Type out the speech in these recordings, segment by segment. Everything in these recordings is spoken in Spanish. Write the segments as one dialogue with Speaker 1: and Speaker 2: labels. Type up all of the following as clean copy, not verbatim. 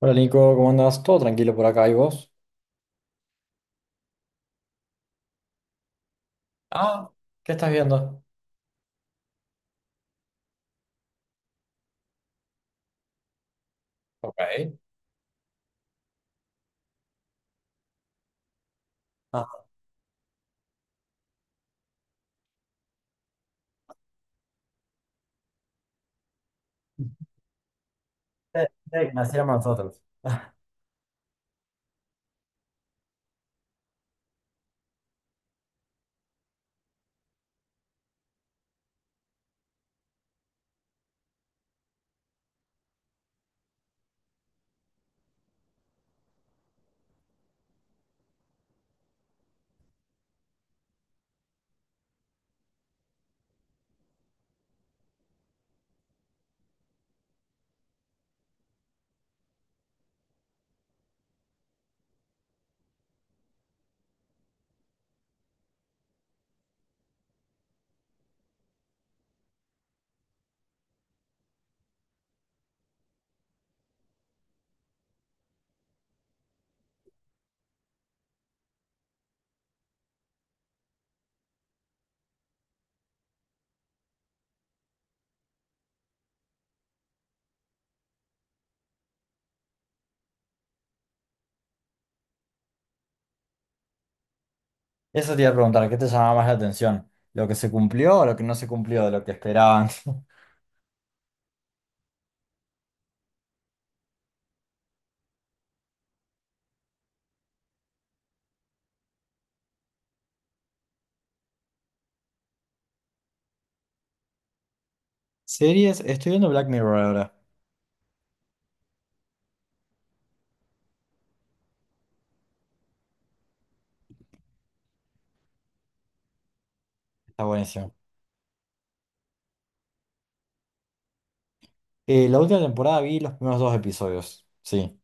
Speaker 1: Hola Nico, ¿cómo andas? ¿Todo tranquilo por acá? ¿Y vos? Ah, ¿qué estás viendo? Ok. Ah, de que naciéramos nosotros. Eso te iba a preguntar, ¿qué te llamaba más la atención? ¿Lo que se cumplió o lo que no se cumplió de lo que esperaban? Series, estoy viendo Black Mirror ahora. Está buenísimo. La última temporada vi los primeros dos episodios, sí.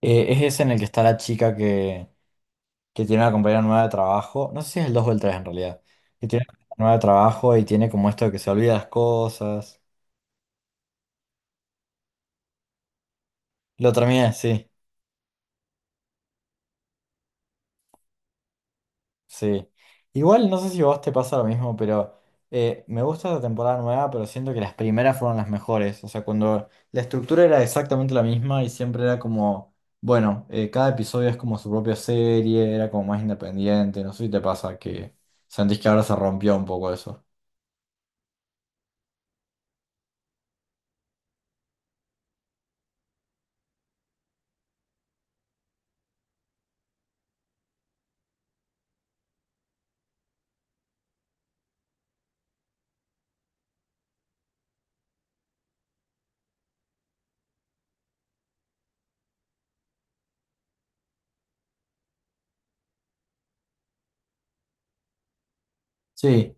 Speaker 1: Es ese en el que está la chica que tiene una compañera nueva de trabajo. No sé si es el 2 o el 3 en realidad. Que tiene una compañera nueva de trabajo y tiene como esto de que se olvida las cosas. Lo terminé, sí. Sí. Igual no sé si a vos te pasa lo mismo, pero me gusta la temporada nueva, pero siento que las primeras fueron las mejores. O sea, cuando la estructura era exactamente la misma y siempre era como, bueno, cada episodio es como su propia serie, era como más independiente. No sé si te pasa que sentís que ahora se rompió un poco eso. Sí,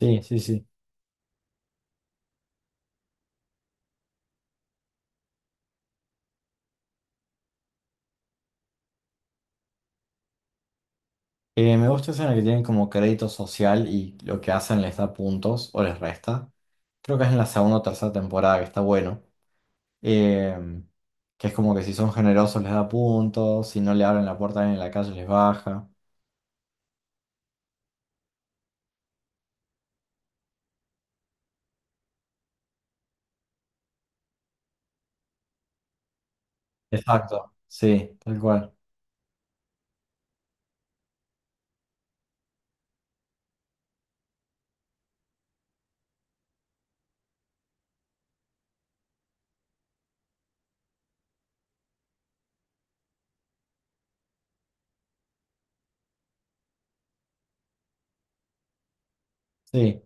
Speaker 1: sí, sí, sí. Me gusta esa en la que tienen como crédito social y lo que hacen les da puntos o les resta. Creo que es en la segunda o tercera temporada que está bueno. em, que es como que si son generosos les da puntos, si no le abren la puerta a alguien en la calle les baja. Exacto, sí, tal cual. Sí,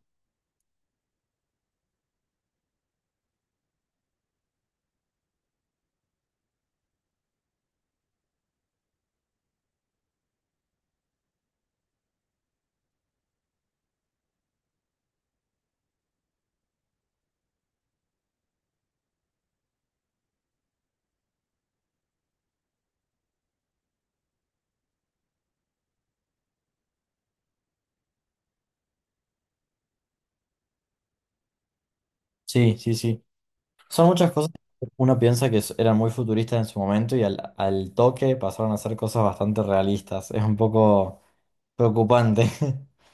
Speaker 1: sí, sí, sí. Son muchas cosas que uno piensa que eran muy futuristas en su momento y al toque pasaron a ser cosas bastante realistas. Es un poco preocupante.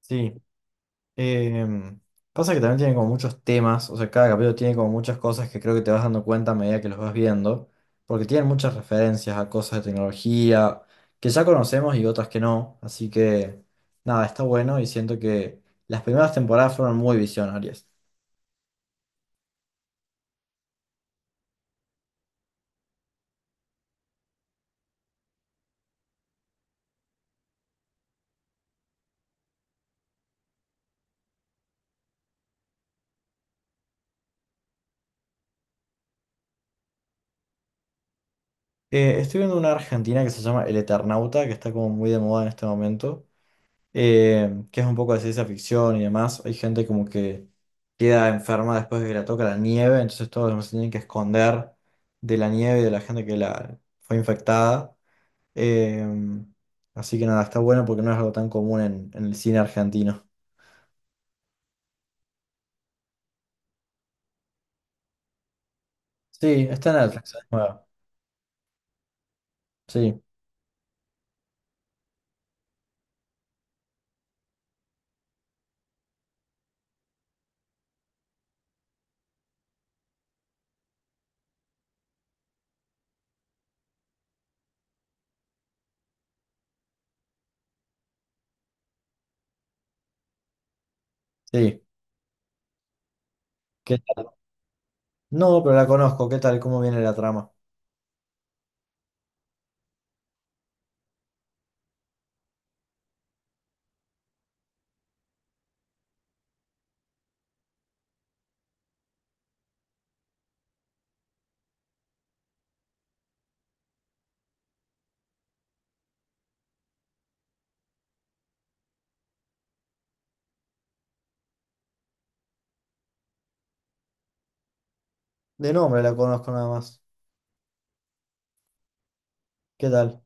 Speaker 1: Sí. Em, Pasa que también tiene como muchos temas, o sea, cada capítulo tiene como muchas cosas que creo que te vas dando cuenta a medida que los vas viendo, porque tienen muchas referencias a cosas de tecnología que ya conocemos y otras que no, así que nada, está bueno y siento que las primeras temporadas fueron muy visionarias. Estoy viendo una argentina que se llama El Eternauta, que está como muy de moda en este momento. Que es un poco de ciencia ficción y demás. Hay gente como que queda enferma después de que la toca la nieve, entonces todos se tienen que esconder de la nieve y de la gente que la fue infectada. Eh, Así que nada, está bueno porque no es algo tan común en el cine argentino. Sí, está en Netflix, es nueva. Sí, sí. ¿Qué tal? No, pero la conozco. ¿Qué tal? ¿Cómo viene la trama? De nombre la conozco nada más. ¿Qué tal?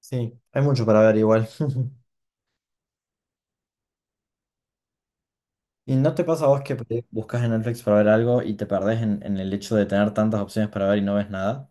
Speaker 1: Sí, hay mucho para ver igual. ¿Y no te pasa a vos que por ahí buscas en Netflix para ver algo y te perdés en el hecho de tener tantas opciones para ver y no ves nada?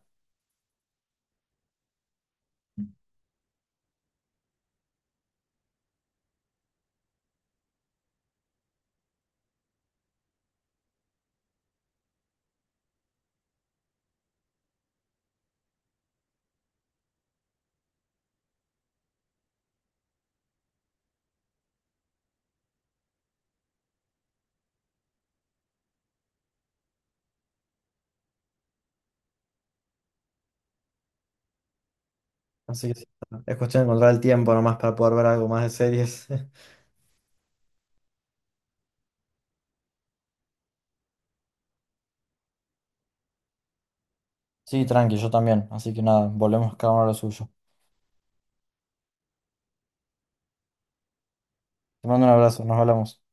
Speaker 1: Así que sí, es cuestión de encontrar el tiempo nomás para poder ver algo más de series. Sí, tranqui, yo también. Así que nada, volvemos cada uno a lo suyo. Te mando un abrazo, nos hablamos.